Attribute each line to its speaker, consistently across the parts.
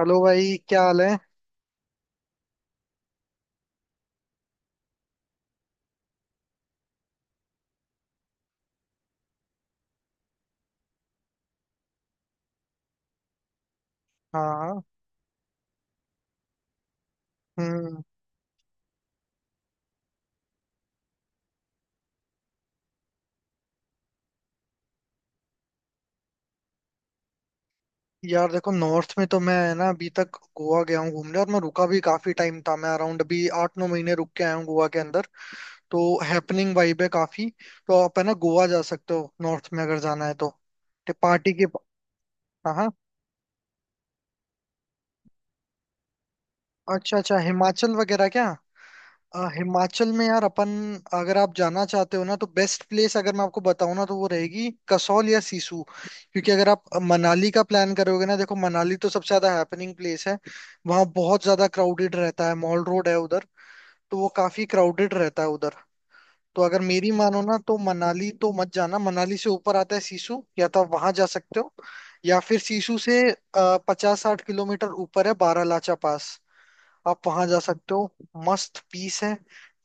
Speaker 1: Hello भाई, क्या हाल है। हाँ। हम्म। यार देखो, नॉर्थ में तो मैं ना अभी तक गोवा गया हूँ घूमने, और मैं रुका भी काफी टाइम था। मैं अराउंड अभी 8 9 महीने रुक के आया हूँ गोवा के अंदर। तो हैपनिंग वाइब है काफी। तो आप है ना गोवा जा सकते हो नॉर्थ में अगर जाना है तो। ते पार्टी की। हाँ, हाँ। अच्छा अच्छा, हिमाचल वगैरह क्या। हिमाचल में यार अपन, अगर आप जाना चाहते हो ना तो बेस्ट प्लेस अगर मैं आपको बताऊं ना तो वो रहेगी कसौल या सिसु। क्योंकि अगर आप मनाली का प्लान करोगे ना, देखो मनाली तो सबसे ज्यादा हैपनिंग प्लेस है। वहाँ बहुत ज्यादा क्राउडेड रहता है, मॉल रोड है उधर, तो वो काफी क्राउडेड रहता है उधर। तो अगर मेरी मानो ना तो मनाली तो मत जाना। मनाली से ऊपर आता है सिसु, या तो आप वहां जा सकते हो, या फिर सिसु से 50 60 किलोमीटर ऊपर है बारालाचा पास, आप वहां जा सकते हो। मस्त पीस है।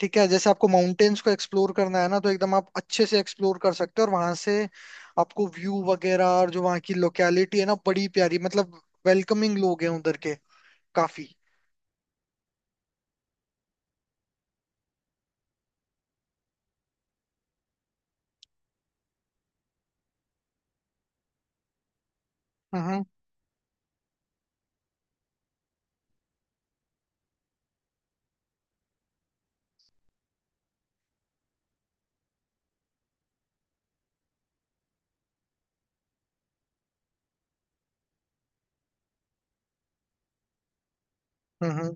Speaker 1: ठीक है, जैसे आपको माउंटेन्स को एक्सप्लोर करना है ना, तो एकदम आप अच्छे से एक्सप्लोर कर सकते हो, और वहां से आपको व्यू वगैरह, और जो वहाँ की लोकेलिटी है ना बड़ी प्यारी, मतलब वेलकमिंग लोग हैं उधर के, काफी। हम्म, हम्म,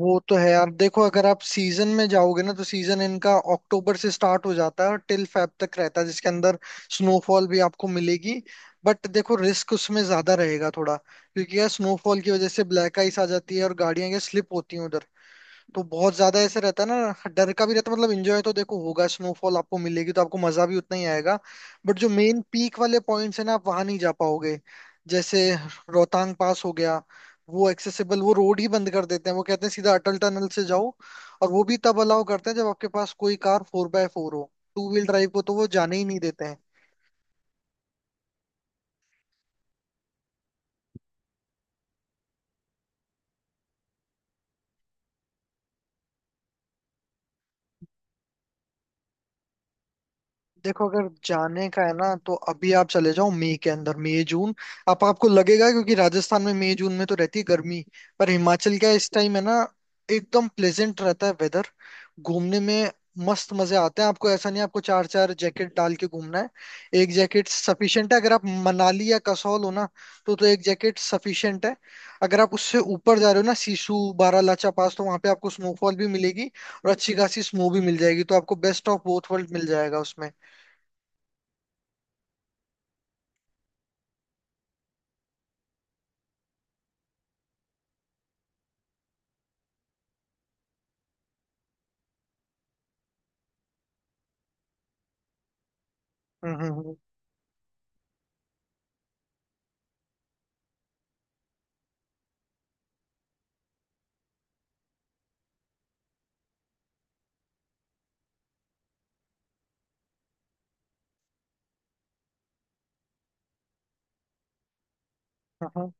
Speaker 1: वो तो है यार। देखो, अगर आप सीजन में जाओगे ना तो सीजन इनका अक्टूबर से स्टार्ट हो जाता है और टिल फेब तक रहता है, जिसके अंदर स्नोफॉल भी आपको मिलेगी। बट देखो, रिस्क उसमें ज्यादा रहेगा थोड़ा, क्योंकि यार स्नोफॉल की वजह से ब्लैक आइस आ जाती है और गाड़ियां ये स्लिप होती हैं उधर। तो बहुत ज्यादा ऐसे रहता है ना, डर का भी रहता है। मतलब एंजॉय तो देखो होगा, स्नोफॉल आपको मिलेगी तो आपको मजा भी उतना ही आएगा, बट जो मेन पीक वाले पॉइंट्स है ना, आप वहां नहीं जा पाओगे। जैसे रोहतांग पास हो गया, वो एक्सेसिबल, वो रोड ही बंद कर देते हैं। वो कहते हैं सीधा अटल टनल से जाओ, और वो भी तब अलाउ करते हैं जब आपके पास कोई कार फोर बाय फोर हो। टू व्हील ड्राइव को तो वो जाने ही नहीं देते हैं। देखो, अगर जाने का है ना तो अभी आप चले जाओ, मई के अंदर, मई जून। आप आपको लगेगा, क्योंकि राजस्थान में मई जून में तो रहती है गर्मी, पर हिमाचल का इस टाइम है ना एकदम प्लेजेंट रहता है वेदर, घूमने में मस्त मजे आते हैं। आपको ऐसा नहीं आपको चार चार जैकेट डाल के घूमना है। एक जैकेट सफिशिएंट है अगर आप मनाली या कसौल हो ना, तो एक जैकेट सफिशिएंट है। अगर आप उससे ऊपर जा रहे हो ना, सिसु बारालाचा पास, तो वहां पे आपको स्नोफॉल भी मिलेगी, और अच्छी खासी स्नो भी मिल जाएगी, तो आपको बेस्ट ऑफ बोथ वर्ल्ड मिल जाएगा उसमें। हम्म, हम्म। हाँ, हाँ,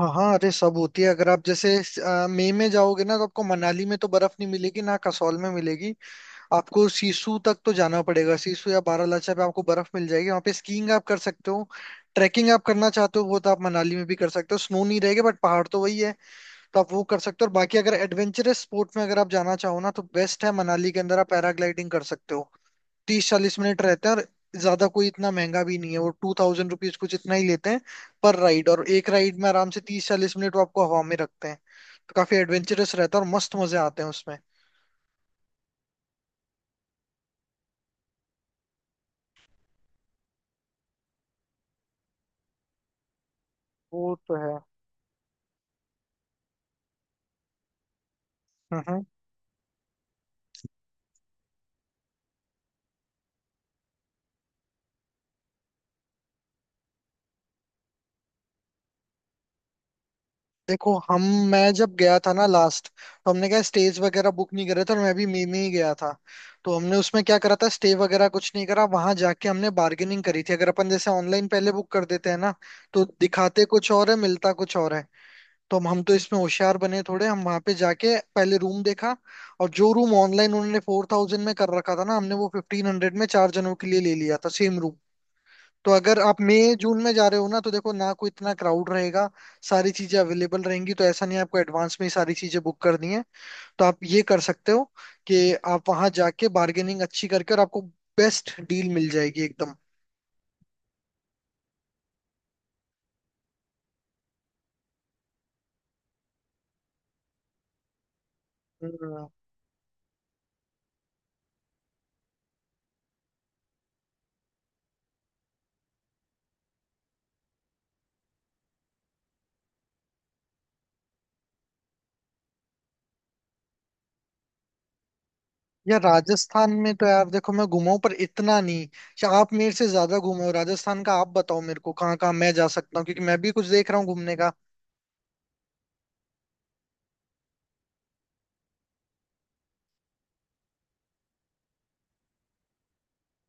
Speaker 1: हाँ, हाँ, अरे सब होती है। अगर आप जैसे मई में जाओगे ना तो आपको मनाली में तो बर्फ नहीं मिलेगी ना, कसौल में मिलेगी। आपको सीसू तक तो जाना पड़ेगा। सीसू या बारालाचा पे आपको बर्फ मिल जाएगी, वहाँ पे स्कीइंग आप कर सकते हो। ट्रैकिंग आप करना चाहते हो वो तो आप मनाली में भी कर सकते हो, स्नो नहीं रहेगा बट पहाड़ तो वही है, तो आप वो कर सकते हो। और बाकी अगर एडवेंचरस स्पोर्ट में अगर आप जाना चाहो ना तो बेस्ट है, मनाली के अंदर आप पैराग्लाइडिंग कर सकते हो। 30 40 मिनट रहते हैं, और ज्यादा कोई इतना महंगा भी नहीं है, वो 2000 रुपीज कुछ इतना ही लेते हैं पर राइड। और एक राइड में आराम से 30 40 मिनट वो आपको हवा में रखते हैं, तो काफी एडवेंचरस रहता है और मस्त मजे आते हैं उसमें। वो तो है। हम्म। देखो, हम मैं जब गया था ना लास्ट, तो हमने क्या स्टेज वगैरह बुक नहीं करे थे, और मैं भी मई में ही गया था। तो हमने उसमें क्या करा था, स्टे वगैरह कुछ नहीं करा, वहां जाके हमने बार्गेनिंग करी थी। अगर अपन जैसे ऑनलाइन पहले बुक कर देते हैं ना, तो दिखाते कुछ और है, मिलता कुछ और है। तो हम तो इसमें होशियार बने थोड़े, हम वहां पे जाके पहले रूम देखा। और जो रूम ऑनलाइन उन्होंने 4000 में कर रखा था ना, हमने वो 1500 में चार जनों के लिए ले लिया था, सेम रूम। तो अगर आप मई जून में जा रहे हो ना तो देखो ना कोई इतना क्राउड रहेगा, सारी चीजें अवेलेबल रहेंगी। तो ऐसा नहीं है आपको एडवांस में ही सारी चीजें बुक करनी है। तो आप ये कर सकते हो कि आप वहां जाके बार्गेनिंग अच्छी करके, और आपको बेस्ट डील मिल जाएगी एकदम। हम्म। यार, राजस्थान में तो यार, देखो मैं घुमा हूं पर इतना नहीं। आप मेरे से ज्यादा घुमे हो राजस्थान का, आप बताओ मेरे को कहाँ कहाँ मैं जा सकता हूँ, क्योंकि मैं भी कुछ देख रहा हूँ घूमने का।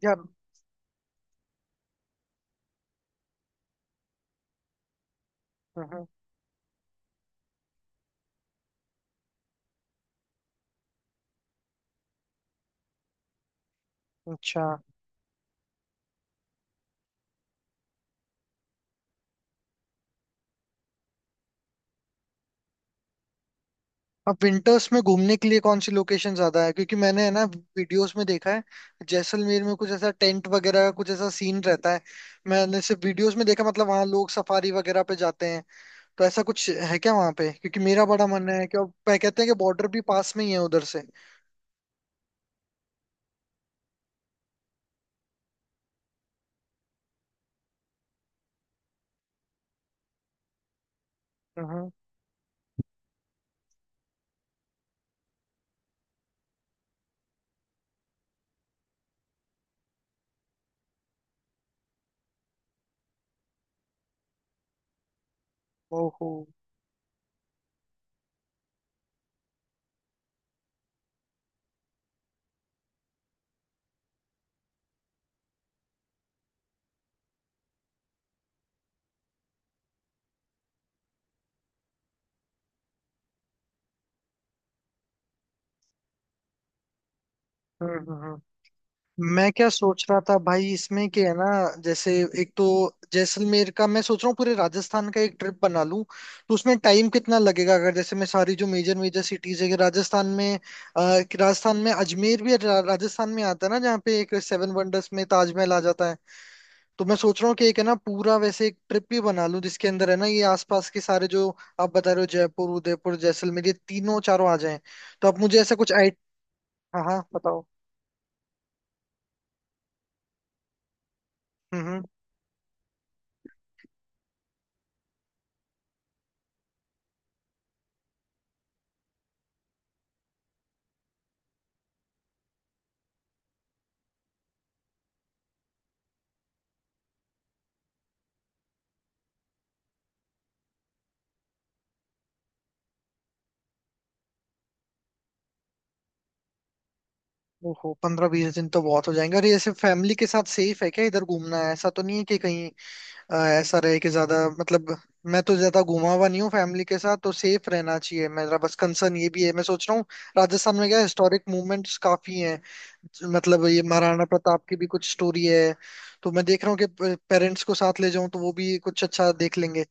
Speaker 1: यार। हम्म। अच्छा, अब विंटर्स में घूमने के लिए कौन सी लोकेशन ज्यादा है, क्योंकि मैंने है ना वीडियोस में देखा है, जैसलमेर में कुछ ऐसा टेंट वगैरह का कुछ ऐसा सीन रहता है। मैंने सिर्फ वीडियोस में देखा, मतलब वहाँ लोग सफारी वगैरह पे जाते हैं। तो ऐसा कुछ है क्या वहाँ पे, क्योंकि मेरा बड़ा मन है, कि अब कहते हैं कि बॉर्डर भी पास में ही है उधर से। हम्म। ओहो। हम्म, मैं क्या सोच रहा था भाई इसमें कि है ना, जैसे एक तो जैसलमेर का, मैं सोच रहा हूँ पूरे राजस्थान का एक ट्रिप बना लूं। तो उसमें टाइम कितना लगेगा, अगर जैसे मैं सारी जो मेजर मेजर सिटीज है कि राजस्थान में अजमेर भी राजस्थान में आता है ना, जहाँ पे एक सेवन वंडर्स में ताजमहल आ जाता है। तो मैं सोच रहा हूँ कि एक है ना पूरा वैसे एक ट्रिप भी बना लूं, जिसके अंदर है ना ये आसपास के सारे, जो आप बता रहे हो जयपुर उदयपुर जैसलमेर, ये तीनों चारों आ जाएं। तो आप मुझे ऐसा कुछ आइट, हाँ हाँ बताओ। हम्म, हम्म। ओहो, 15 20 दिन तो बहुत हो जाएंगे। और ये सिर्फ फैमिली के साथ सेफ है क्या, इधर घूमना, है ऐसा तो नहीं है कि कहीं ऐसा रहे कि ज्यादा मतलब, मैं तो ज्यादा घूमा हुआ नहीं हूँ फैमिली के साथ, तो सेफ रहना चाहिए, मेरा बस कंसर्न ये भी है। मैं सोच रहा हूँ राजस्थान में क्या हिस्टोरिक मूवमेंट्स काफी हैं, मतलब ये महाराणा प्रताप की भी कुछ स्टोरी है। तो मैं देख रहा हूँ कि पेरेंट्स को साथ ले जाऊं तो वो भी कुछ अच्छा देख लेंगे।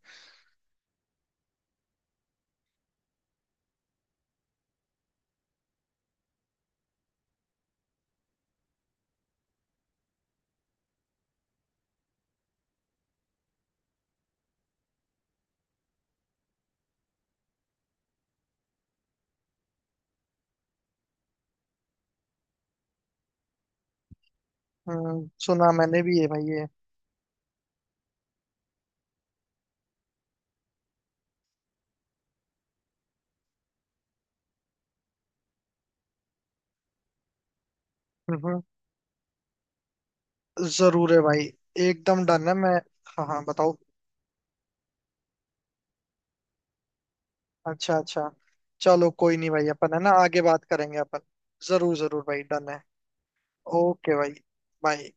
Speaker 1: सुना मैंने भी है भाई ये। हम्म, जरूर है भाई। एकदम डन है मैं। हाँ, हाँ, बताओ। अच्छा अच्छा। चलो कोई नहीं भाई, अपन है ना आगे बात करेंगे अपन। जरूर जरूर भाई, डन है। ओके भाई, बाय।